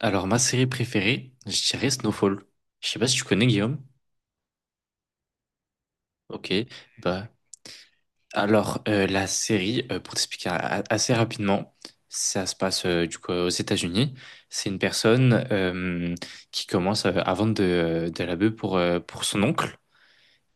Alors, ma série préférée, je dirais Snowfall. Je sais pas si tu connais, Guillaume. Ok. Bah, alors, la série, pour t'expliquer assez rapidement, ça se passe du coup aux États-Unis. C'est une personne qui commence à vendre de la bœuf pour son oncle.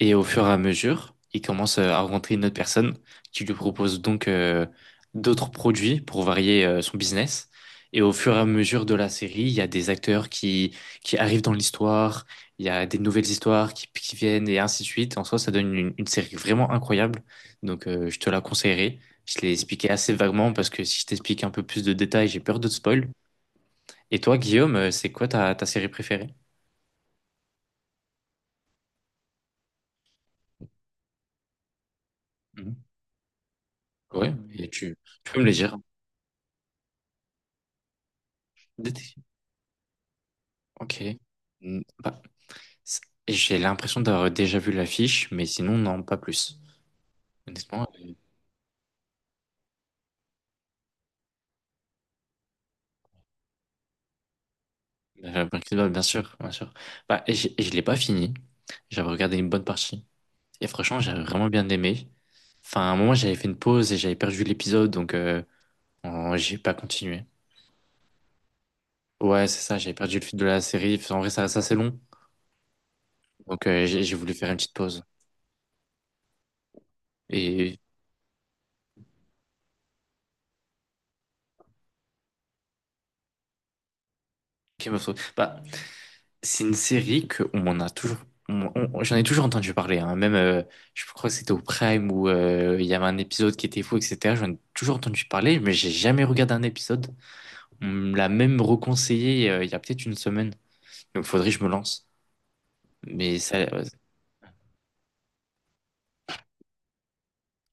Et au fur et à mesure, il commence à rencontrer une autre personne qui lui propose donc d'autres produits pour varier son business. Et au fur et à mesure de la série, il y a des acteurs qui arrivent dans l'histoire, il y a des nouvelles histoires qui viennent et ainsi de suite. En soi, ça donne une série vraiment incroyable. Donc, je te la conseillerais. Je l'ai expliqué assez vaguement parce que si je t'explique un peu plus de détails, j'ai peur de te spoil. Et toi, Guillaume, c'est quoi ta série préférée? Mhm. Ouais, et tu peux me les dire. Ok. Bah, c- j'ai l'impression d'avoir déjà vu l'affiche, mais sinon, non, pas plus. Honnêtement, la Breaking Bad, bien sûr, bien sûr. Bah, et et je l'ai pas fini. J'avais regardé une bonne partie. Et franchement, j'avais vraiment bien aimé. Enfin, à un moment, j'avais fait une pause et j'avais perdu l'épisode, donc j'ai pas continué. Ouais, c'est ça, j'avais perdu le fil de la série. Enfin, en vrai, ça c'est long. Donc, j'ai voulu faire une petite pause. Et Game of Thrones. Bah, c'est une série que on a toujours, j'en ai toujours entendu parler. Hein. Même, je crois que c'était au Prime où il y avait un épisode qui était fou, etc. J'en ai toujours entendu parler, mais j'ai jamais regardé un épisode. On me l'a même reconseillé il y a peut-être une semaine. Donc, faudrait que je me lance. Mais ça, ouais,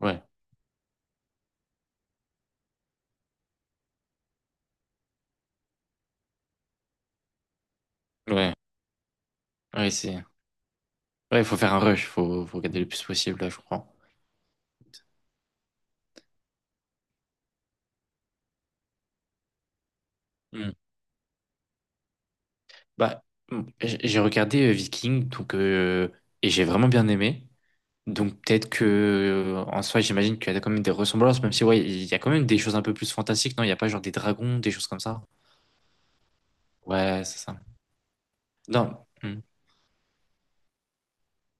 ouais, ouais, ouais, c'est, ouais, faut faire un rush, faut regarder le plus possible là, je crois. Hmm. Bah, j'ai regardé Viking, donc et j'ai vraiment bien aimé. Donc peut-être que en soi, j'imagine qu'il y a quand même des ressemblances, même si ouais, il y a quand même des choses un peu plus fantastiques, non? Il n'y a pas genre des dragons, des choses comme ça? Ouais, c'est ça. Non,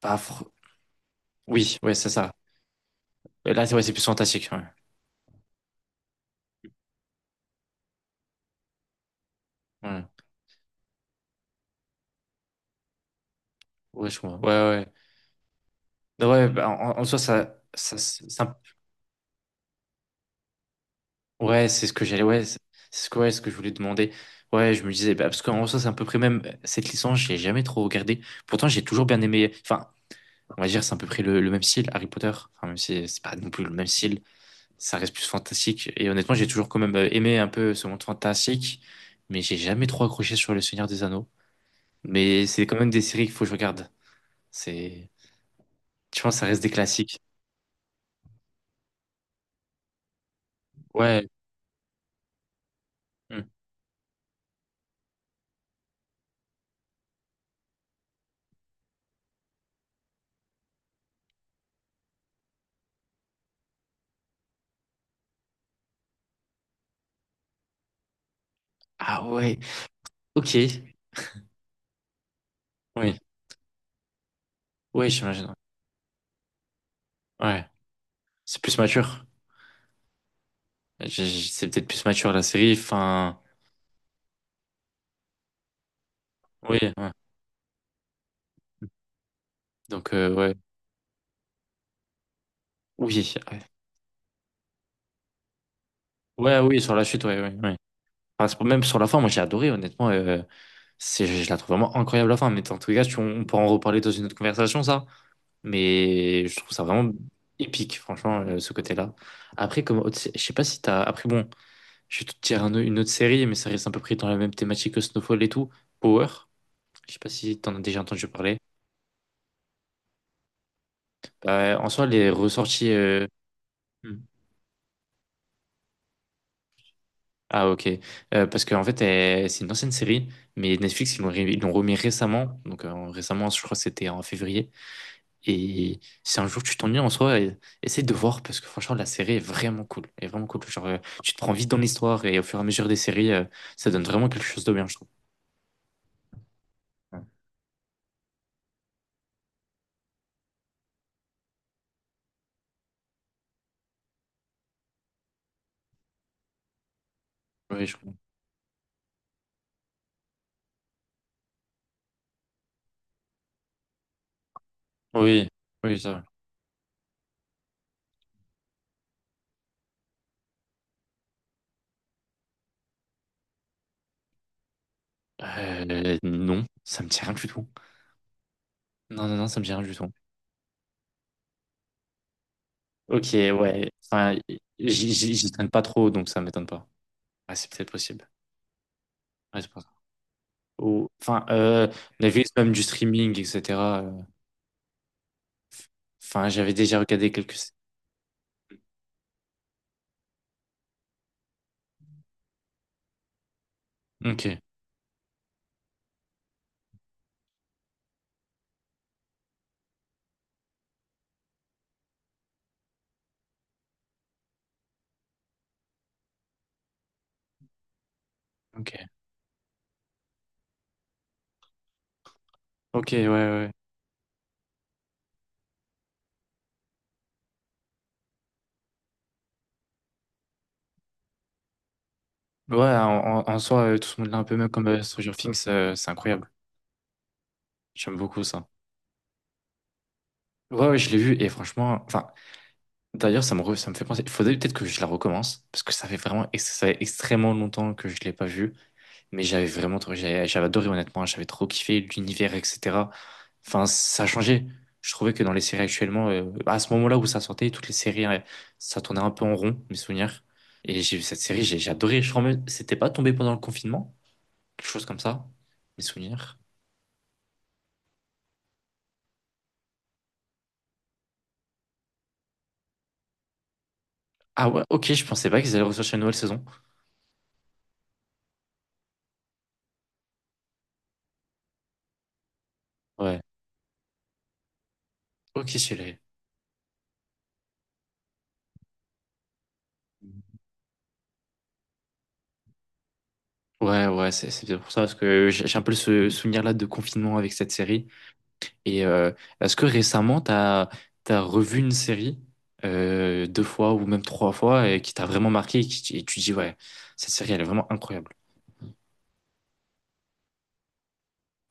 pas fr- oui, ouais, c'est ça. Là, c'est plus fantastique. Ouais, ouais, ouais, je comprends. Ouais, ouais. Non, ouais, bah, en soi, ouais, c'est ce que j'allais, ouais, c'est ce que, ouais, ce que je voulais demander. Ouais, je me disais, bah, parce qu'en soi, c'est à peu près même cette licence, j'ai jamais trop regardé. Pourtant, j'ai toujours bien aimé. Enfin, on va dire, c'est à peu près le même style, Harry Potter. Enfin, même si c'est pas non plus le même style. Ça reste plus fantastique. Et honnêtement, j'ai toujours quand même aimé un peu ce monde fantastique, mais j'ai jamais trop accroché sur Le Seigneur des Anneaux. Mais c'est quand même des séries qu'il faut que je regarde. C'est, je pense, que ça reste des classiques. Ouais. Hmm. Ah ouais. Ok. Oui. Oui, j'imagine. Ouais. C'est plus mature. C'est peut-être plus mature la série. Enfin, oui. Ouais. Donc ouais. Oui. Ouais, ouais, oui, sur la suite, ouais, ouais, ouais. Enfin, même sur la fin, moi j'ai adoré, honnêtement. C'est, je la trouve vraiment incroyable la fin, mais en tous les cas, on pourra en reparler dans une autre conversation, ça. Mais je trouve ça vraiment épique, franchement, ce côté-là. Après, je sais pas si t'as. Après, bon, je vais te dire une autre série, mais ça reste à peu près dans la même thématique que Snowfall et tout. Power. Je sais pas si t'en as déjà entendu parler. En soi, les ressorties. Hmm. Ah, ok. Parce qu'en fait, c'est une ancienne série, mais Netflix, ils l'ont ils l'ont remis récemment. Donc, récemment, je crois que c'était en février. Et si un jour tu t'ennuies en soi, essaie de voir parce que franchement, la série est vraiment cool. Elle est vraiment cool. Genre, tu te prends vite dans l'histoire et au fur et à mesure des séries, ça donne vraiment quelque chose de bien, je trouve. Ouais. Oui, je comprends. Oui, oui, ça. Non, ça me dit rien du tout. Non, non, non, ça me dit rien du tout. Ok, ouais. Enfin, j'y traîne pas trop, donc ça m'étonne pas. Ah, c'est peut-être possible. Ouais, c'est pour ça. Enfin, Netflix, même du streaming, etc. euh, Enfin, j'avais déjà regardé quelques. Ok, ok, ok, ouais, ouais. Ouais, en soi, tout ce monde-là, un peu même comme Stranger Things, c'est incroyable. J'aime beaucoup ça. Ouais, ouais, je l'ai vu et franchement, enfin, d'ailleurs, ça me fait penser. Il faudrait peut-être que je la recommence parce que ça fait extrêmement longtemps que je l'ai pas vue, mais j'avais j'avais adoré honnêtement, j'avais trop kiffé l'univers, etc. Enfin, ça a changé. Je trouvais que dans les séries actuellement, à ce moment-là où ça sortait, toutes les séries, ça tournait un peu en rond, mes souvenirs. Et j'ai vu cette série, j'ai adoré. Je crois même, c'était pas tombé pendant le confinement, quelque chose comme ça, mes souvenirs. Ah ouais, ok, je pensais pas qu'ils allaient ressortir une nouvelle saison. Ouais, ok, je l'ai. Ouais, ouais, c'est peut-être pour ça, parce que j'ai un peu ce souvenir-là de confinement avec cette série. Et est-ce que récemment, t'as, revu une série deux fois ou même trois fois et qui t'a vraiment marqué et, qui, et tu dis, ouais, cette série, elle est vraiment incroyable.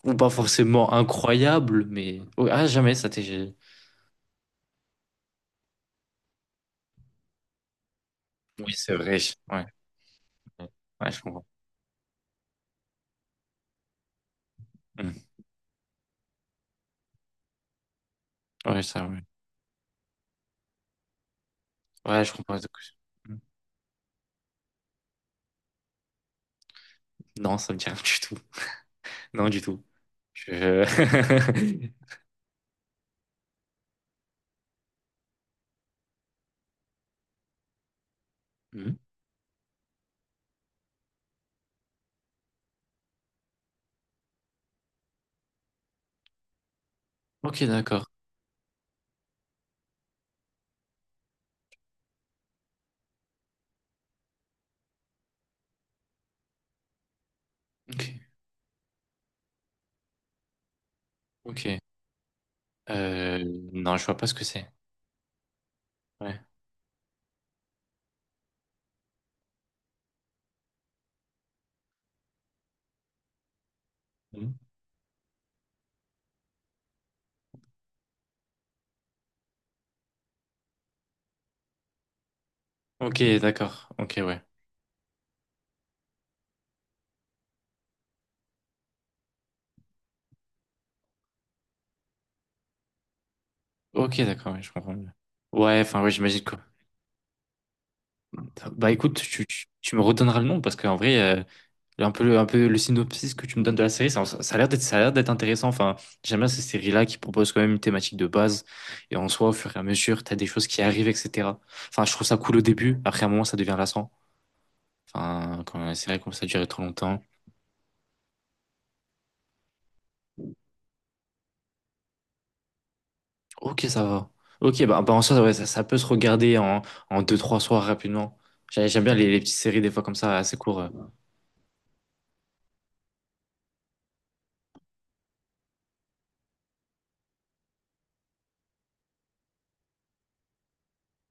Ou pas forcément incroyable, mais ouais, ah, jamais, ça t'est. Oui, c'est vrai. Ouais, ouais, je comprends. Mm. Ouais, ça, ouais. Ouais, je comprends. Mm. Non, ça me dit rien du tout. Non, du tout. Je. Hmm. Ok, d'accord. Ok, ok. Euh, non, je vois pas ce que c'est. Ouais. Hmm. Ok, d'accord. Ok, ouais. Ok, d'accord, ouais, je comprends mieux. Ouais, enfin, ouais, j'imagine quoi. Bah écoute, tu me redonneras le nom parce qu'en vrai, un peu le synopsis que tu me donnes de la série, ça, ça a l'air d'être intéressant. Enfin, j'aime bien ces séries-là qui proposent quand même une thématique de base et en soi, au fur et à mesure, t'as des choses qui arrivent, etc. Enfin, je trouve ça cool au début. Après, à un moment, ça devient lassant. Enfin, quand c'est vrai qu'on ça durait trop longtemps. Ok, ça va. Ok, bah, bah, en soi, ouais, ça peut se regarder en, deux, trois soirs rapidement. J'aime bien les petites séries des fois comme ça, assez court.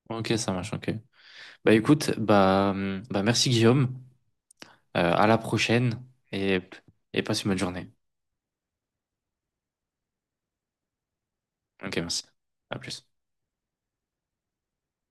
Ok, ça marche, ok. Bah écoute, bah, bah merci, Guillaume. À la prochaine et, passe une bonne journée. Ok, merci. À plus.